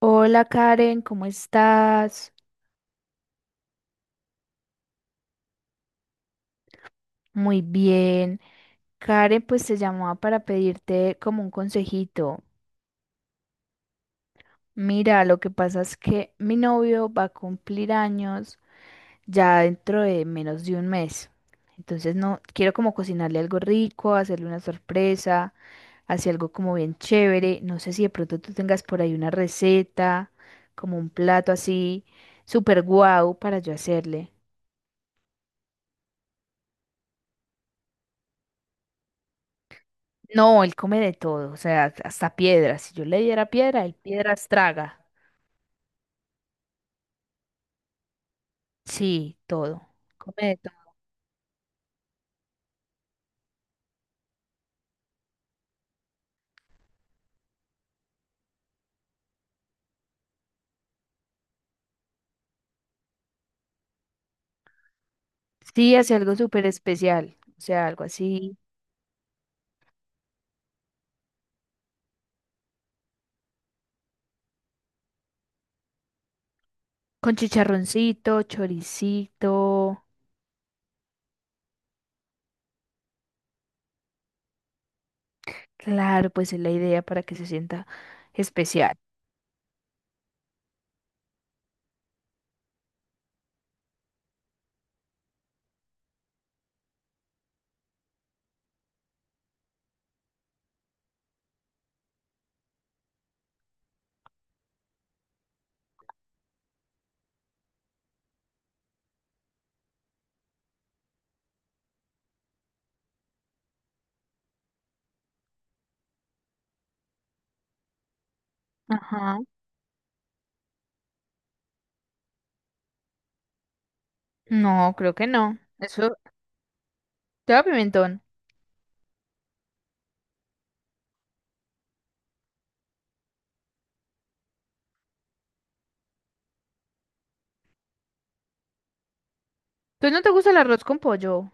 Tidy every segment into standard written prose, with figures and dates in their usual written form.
Hola Karen, ¿cómo estás? Muy bien. Karen, pues te llamaba para pedirte como un consejito. Mira, lo que pasa es que mi novio va a cumplir años ya dentro de menos de un mes. Entonces no quiero como cocinarle algo rico, hacerle una sorpresa, hacer algo como bien chévere. No sé si de pronto tú tengas por ahí una receta, como un plato así, súper guau para yo hacerle. No, él come de todo, o sea, hasta piedras. Si yo le diera piedra, él piedras traga. Sí, todo. Come de todo. Sí, hace algo súper especial, o sea, algo así, con chicharroncito, choricito. Claro, pues es la idea para que se sienta especial. Ajá. No, creo que no. Eso lleva pimentón. ¿Pues no te gusta el arroz con pollo?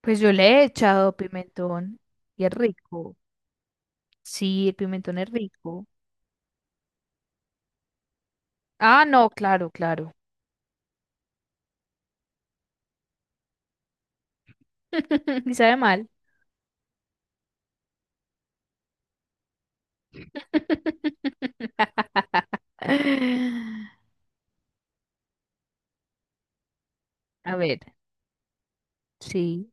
Pues yo le he echado pimentón y es rico. Sí, el pimentón es rico. Ah, no, claro, claro. Y sabe mal. A ver, sí.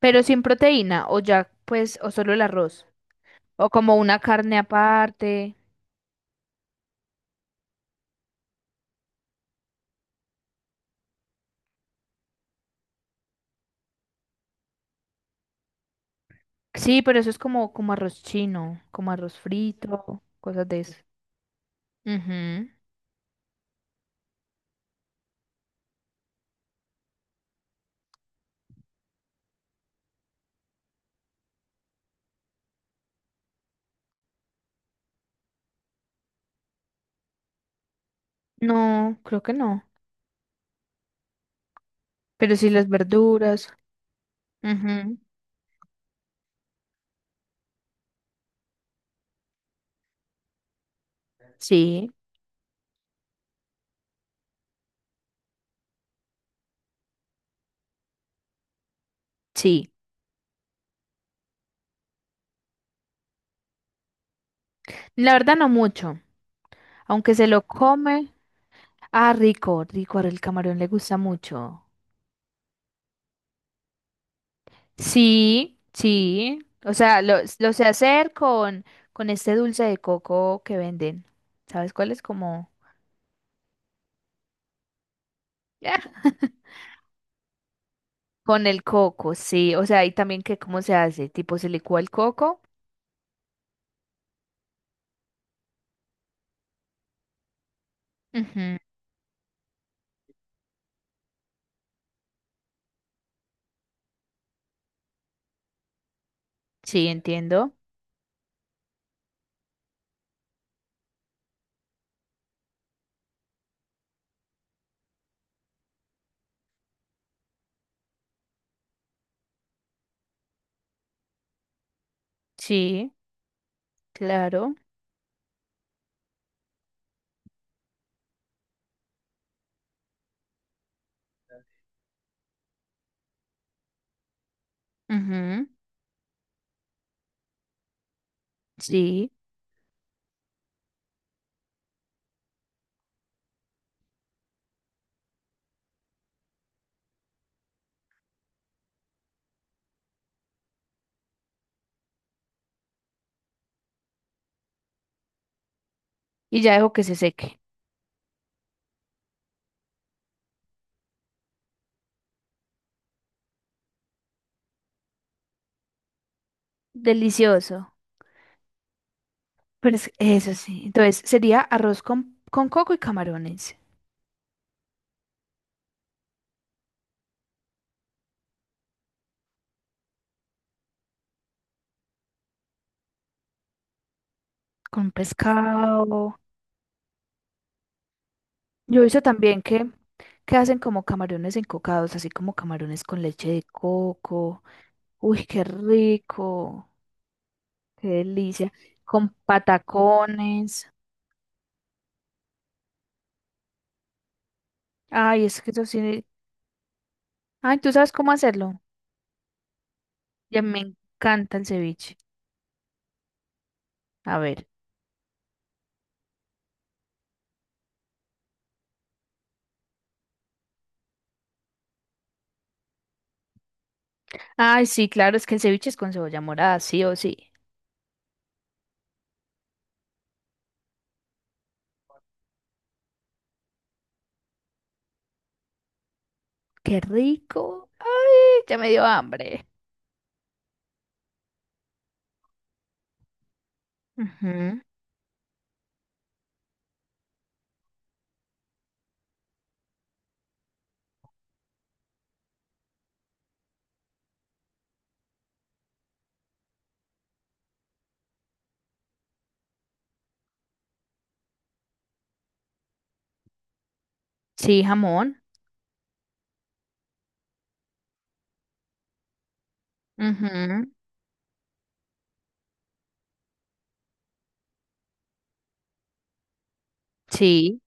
Pero sin proteína, o ya, pues, o solo el arroz. O como una carne aparte. Sí, pero eso es como, como arroz chino, como arroz frito, cosas de eso. Ujú. No, creo que no. Pero sí las verduras. Ujú. Sí, sí. La verdad no mucho. Aunque se lo come. Ah, rico, rico. Ahora el camarón le gusta mucho. Sí, sí. O sea, lo sé hacer con este dulce de coco que venden. ¿Sabes cuál es? Como... Ya. Con el coco, sí. O sea, y también que cómo se hace. Tipo, se licúa el coco. Ujú, sí, entiendo. Sí, claro. Ujú, sí. Y ya dejo que se seque. Delicioso. Eso sí. Entonces, sería arroz con coco y camarones. Con pescado. Yo he visto también que hacen como camarones encocados, así como camarones con leche de coco. Uy, qué rico, qué delicia. Con patacones. Ay, es que eso sí. Ay, ¿tú sabes cómo hacerlo? Ya me encanta el ceviche. A ver. Ay, sí, claro, es que el ceviche es con cebolla morada, sí o sí. Qué rico. Ay, ya me dio hambre. Ujú. Sí, jamón. Ujú. Sí.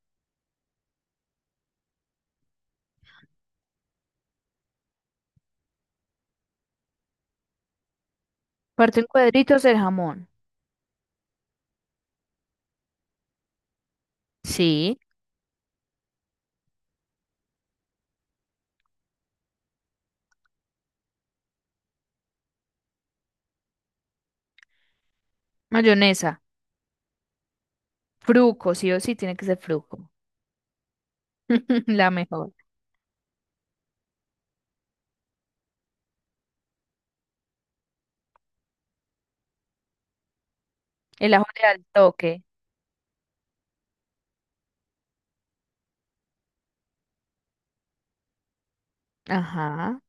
Parto en cuadritos el jamón. Sí. Mayonesa. Fruco, sí o sí, tiene que ser fruco. La mejor. El ajo le da el toque. Ajá.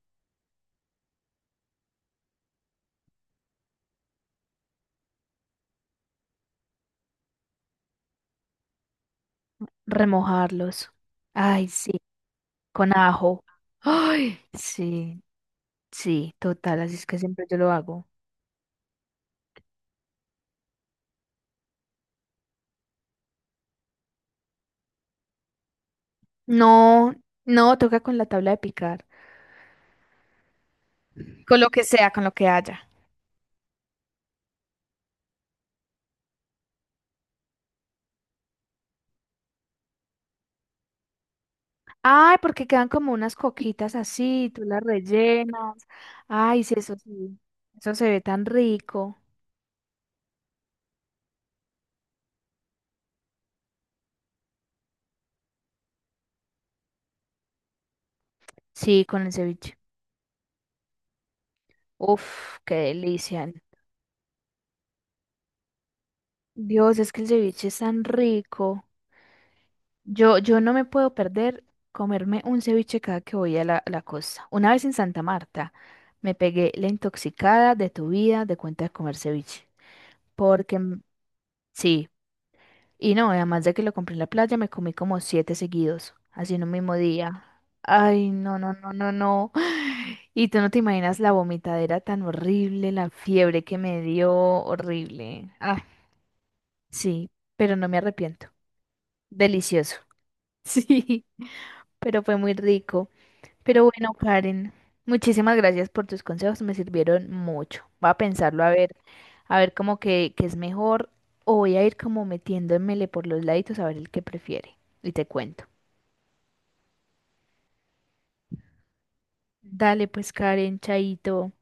Remojarlos. Ay, sí, con ajo. Ay, sí, sí, total, así es que siempre yo lo hago. No, no, toca con la tabla de picar. Con lo que sea, con lo que haya. Ay, porque quedan como unas coquitas así, tú las rellenas. Ay, sí. Eso se ve tan rico. Sí, con el ceviche. Uf, qué delicia. Dios, es que el ceviche es tan rico. Yo no me puedo perder comerme un ceviche cada que voy a la, la costa. Una vez en Santa Marta me pegué la intoxicada de tu vida de cuenta de comer ceviche. Porque sí, y no, además de que lo compré en la playa, me comí como 7 seguidos, así en un mismo día. Ay, no, no, no, no, no. Y tú no te imaginas la vomitadera tan horrible, la fiebre que me dio, horrible. Ah, sí, pero no me arrepiento. Delicioso. Sí, pero fue muy rico. Pero bueno, Karen, muchísimas gracias por tus consejos, me sirvieron mucho. Voy a pensarlo a ver cómo que es mejor o voy a ir como metiéndomele por los laditos a ver el que prefiere. Y te cuento. Dale pues, Karen, chaito.